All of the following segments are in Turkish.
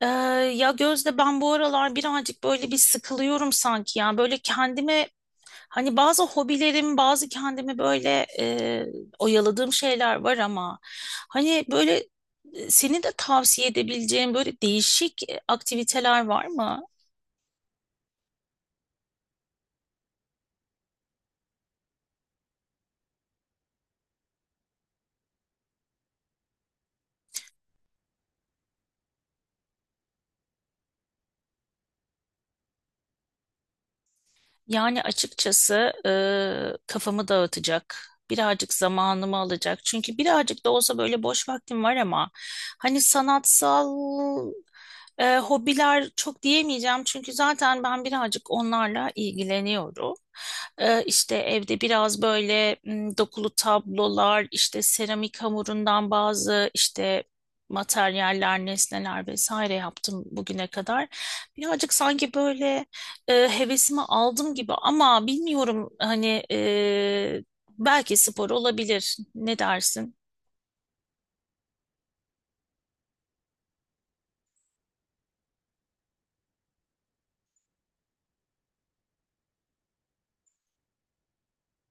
Ee, ya Gözde ben bu aralar birazcık böyle bir sıkılıyorum sanki ya. Böyle kendime hani bazı hobilerim, bazı kendimi böyle oyaladığım şeyler var ama hani böyle senin de tavsiye edebileceğin böyle değişik aktiviteler var mı? Yani açıkçası kafamı dağıtacak, birazcık zamanımı alacak. Çünkü birazcık da olsa böyle boş vaktim var ama hani sanatsal hobiler çok diyemeyeceğim. Çünkü zaten ben birazcık onlarla ilgileniyorum. E, işte evde biraz böyle dokulu tablolar, işte seramik hamurundan bazı işte materyaller, nesneler vesaire yaptım bugüne kadar. Birazcık sanki böyle hevesimi aldım gibi ama bilmiyorum hani belki spor olabilir. Ne dersin?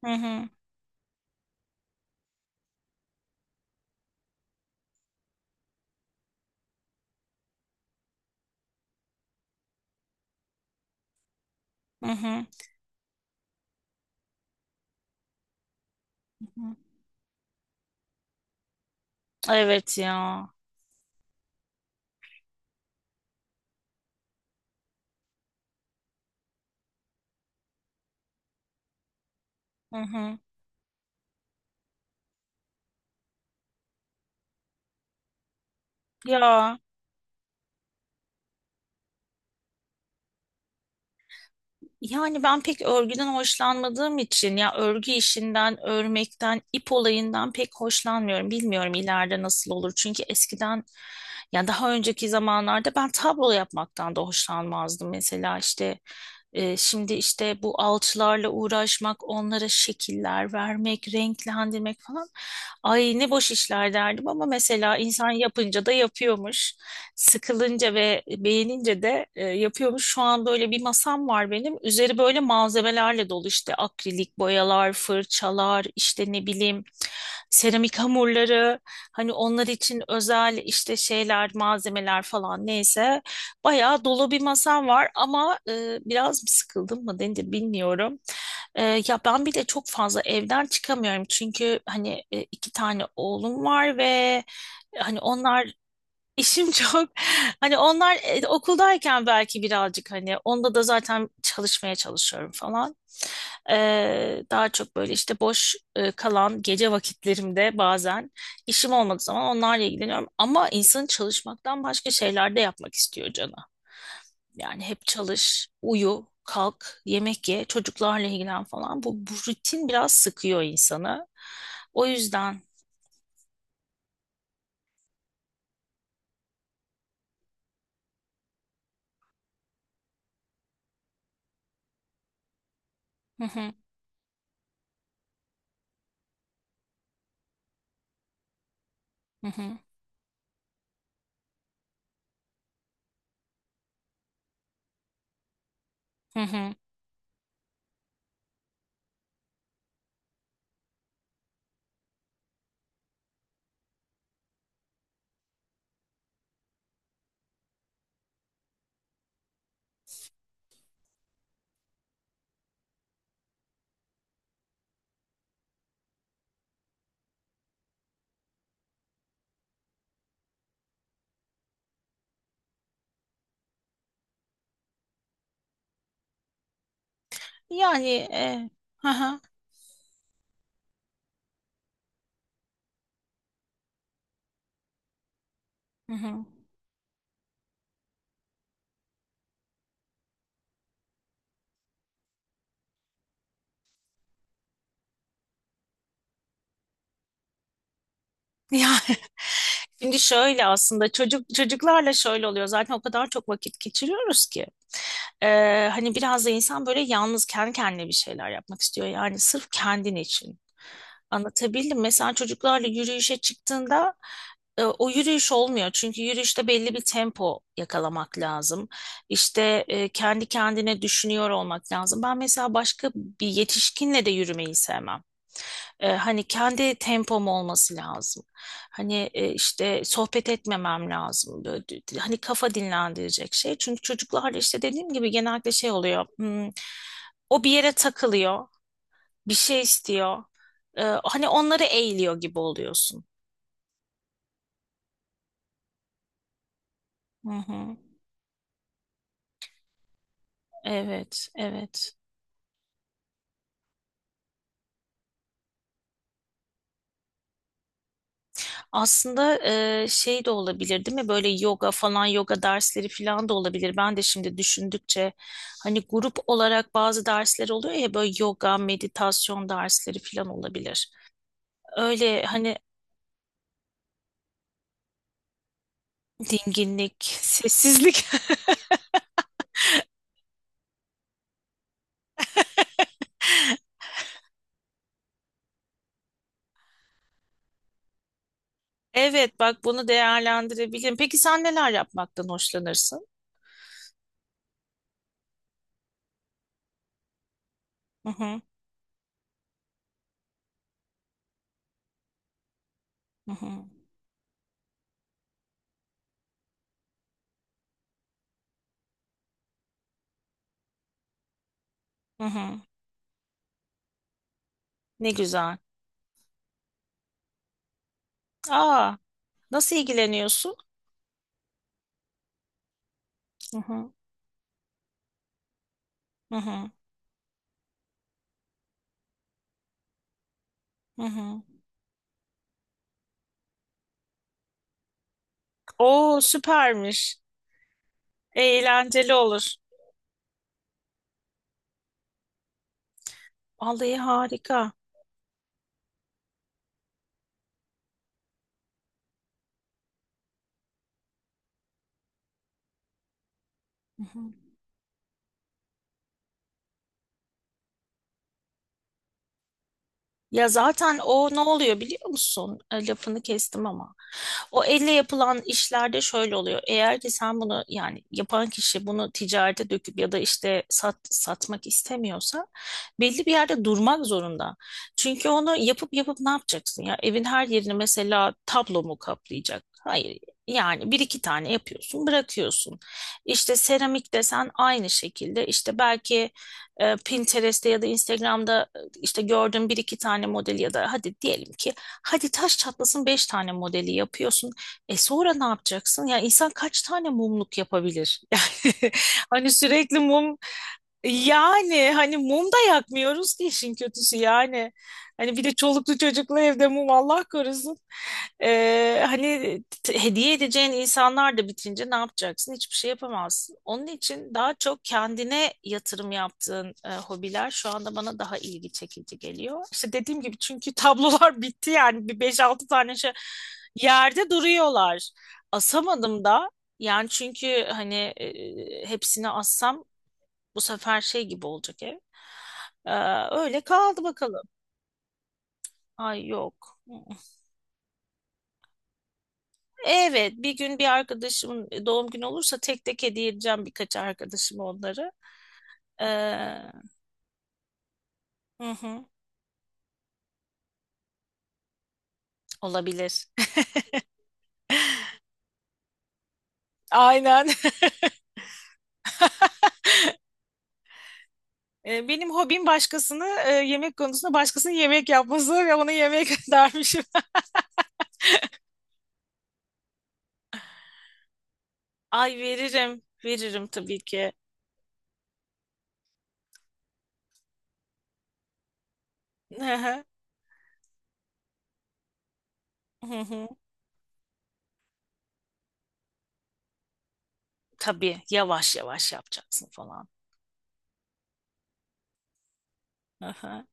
Hı hı, hı hı. Hı hı. Evet ya. Hı hı. Ya. Yani ben pek örgüden hoşlanmadığım için ya örgü işinden, örmekten, ip olayından pek hoşlanmıyorum. Bilmiyorum ileride nasıl olur. Çünkü eskiden ya daha önceki zamanlarda ben tablo yapmaktan da hoşlanmazdım. Mesela işte şimdi işte bu alçılarla uğraşmak, onlara şekiller vermek, renklendirmek falan. Ay ne boş işler derdim ama mesela insan yapınca da yapıyormuş sıkılınca ve beğenince de yapıyormuş. Şu an böyle bir masam var benim. Üzeri böyle malzemelerle dolu işte akrilik boyalar, fırçalar, işte ne bileyim seramik hamurları. Hani onlar için özel işte şeyler, malzemeler falan neyse. Bayağı dolu bir masam var ama biraz mı sıkıldım mı denir bilmiyorum. E, ya ben bir de çok fazla evden çıkamıyorum çünkü hani iki tane oğlum var ve hani onlar. İşim çok. Hani onlar okuldayken belki birazcık hani onda da zaten çalışmaya çalışıyorum falan. Daha çok böyle işte boş kalan gece vakitlerimde bazen işim olmadığı zaman onlarla ilgileniyorum. Ama insanın çalışmaktan başka şeyler de yapmak istiyor canı. Yani hep çalış, uyu, kalk, yemek ye, çocuklarla ilgilen falan. Bu rutin biraz sıkıyor insanı. O yüzden. Hı hı, hı hı, hı hı. Yani Hı hı. Yani şimdi şöyle aslında çocuklarla şöyle oluyor zaten o kadar çok vakit geçiriyoruz ki. Hani biraz da insan böyle yalnız kendi kendine bir şeyler yapmak istiyor yani sırf kendin için. Anlatabildim. Mesela çocuklarla yürüyüşe çıktığında o yürüyüş olmuyor. Çünkü yürüyüşte belli bir tempo yakalamak lazım. İşte kendi kendine düşünüyor olmak lazım. Ben mesela başka bir yetişkinle de yürümeyi sevmem. Hani kendi tempom olması lazım. Hani işte sohbet etmemem lazım. Böyle, hani kafa dinlendirecek şey. Çünkü çocuklarla işte dediğim gibi genellikle şey oluyor. O bir yere takılıyor bir şey istiyor. Hani onları eğiliyor gibi oluyorsun. Hı hı. Evet, evet. Aslında şey de olabilir değil mi? Böyle yoga falan, yoga dersleri falan da olabilir. Ben de şimdi düşündükçe hani grup olarak bazı dersler oluyor ya böyle yoga, meditasyon dersleri falan olabilir. Öyle hani dinginlik, sessizlik. Evet, bak bunu değerlendirebilirim. Peki sen neler yapmaktan hoşlanırsın? Hı hı, hı hı, hı hı. Ne güzel. Aa. Nasıl ilgileniyorsun? Hı hı. Hı hı. Hı hı. Oo süpermiş. Eğlenceli olur. Vallahi harika. Hı hı. Ya zaten o ne oluyor biliyor musun? Lafını kestim ama. O elle yapılan işlerde şöyle oluyor. Eğer ki sen bunu yani yapan kişi bunu ticarete döküp ya da işte sat, satmak istemiyorsa belli bir yerde durmak zorunda. Çünkü onu yapıp yapıp ne yapacaksın ya? Evin her yerini mesela tablo mu kaplayacak? Hayır. Yani bir iki tane yapıyorsun, bırakıyorsun. İşte seramik desen aynı şekilde. İşte belki Pinterest'te ya da Instagram'da işte gördüğün bir iki tane model ya da hadi diyelim ki hadi taş çatlasın 5 tane modeli yapıyorsun. E sonra ne yapacaksın? Ya insan kaç tane mumluk yapabilir? Yani hani sürekli mum, yani hani mum da yakmıyoruz ki işin kötüsü yani. Hani bir de çoluklu çocuklu evde mum Allah korusun. Hani hediye edeceğin insanlar da bitince ne yapacaksın? Hiçbir şey yapamazsın. Onun için daha çok kendine yatırım yaptığın hobiler şu anda bana daha ilgi çekici geliyor. İşte dediğim gibi çünkü tablolar bitti yani bir beş altı tane şey yerde duruyorlar. Asamadım da yani çünkü hani hepsini assam bu sefer şey gibi olacak ev. Ee, öyle kaldı bakalım. Ay yok. Hı. Evet, bir gün bir arkadaşımın doğum günü olursa tek tek hediye edeceğim birkaç arkadaşıma onları. Ee, hı hı, olabilir. Aynen. Benim hobim başkasını yemek konusunda başkasının yemek yapması ve ona yemek dermişim. Ay veririm. Veririm tabii ki. Hı hı, hı hı. Tabii yavaş yavaş yapacaksın falan. Hı hı.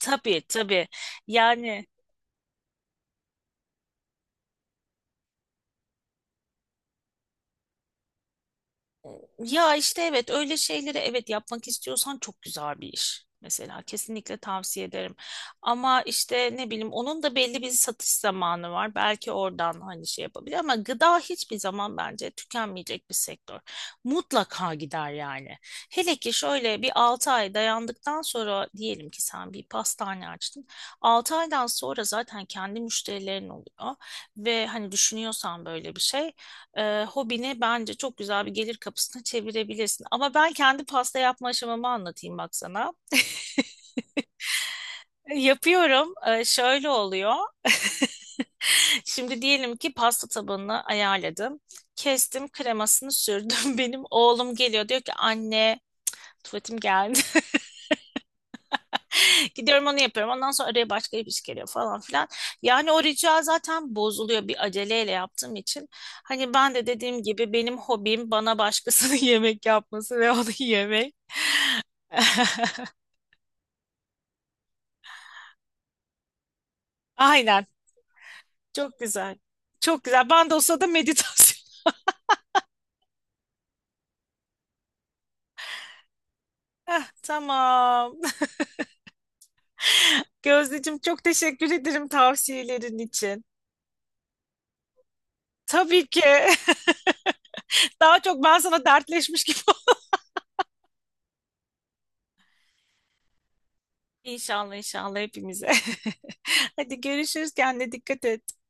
Tabii tabii. Yani ya işte evet öyle şeyleri evet yapmak istiyorsan çok güzel bir iş. Mesela kesinlikle tavsiye ederim. Ama işte ne bileyim onun da belli bir satış zamanı var. Belki oradan hani şey yapabilir ama gıda hiçbir zaman bence tükenmeyecek bir sektör. Mutlaka gider yani. Hele ki şöyle bir 6 ay dayandıktan sonra diyelim ki sen bir pastane açtın. 6 aydan sonra zaten kendi müşterilerin oluyor ve hani düşünüyorsan böyle bir şey, hobini bence çok güzel bir gelir kapısına çevirebilirsin. Ama ben kendi pasta yapma aşamamı anlatayım bak sana. Yapıyorum. Şöyle oluyor. Şimdi diyelim ki pasta tabanını ayarladım. Kestim, kremasını sürdüm. Benim oğlum geliyor diyor ki: anne, tuvaletim geldi. Gidiyorum onu yapıyorum. Ondan sonra araya başka bir iş geliyor falan filan. Yani o rica zaten bozuluyor bir aceleyle yaptığım için. Hani ben de dediğim gibi benim hobim bana başkasının yemek yapması ve onu yemek. Aynen. Çok güzel. Çok güzel. Bandosla da meditasyon. Heh, tamam. Gözdeciğim çok teşekkür ederim tavsiyelerin için. Tabii ki. Daha çok ben sana dertleşmiş gibi oldum. İnşallah inşallah hepimize. Hadi görüşürüz. Kendine dikkat et.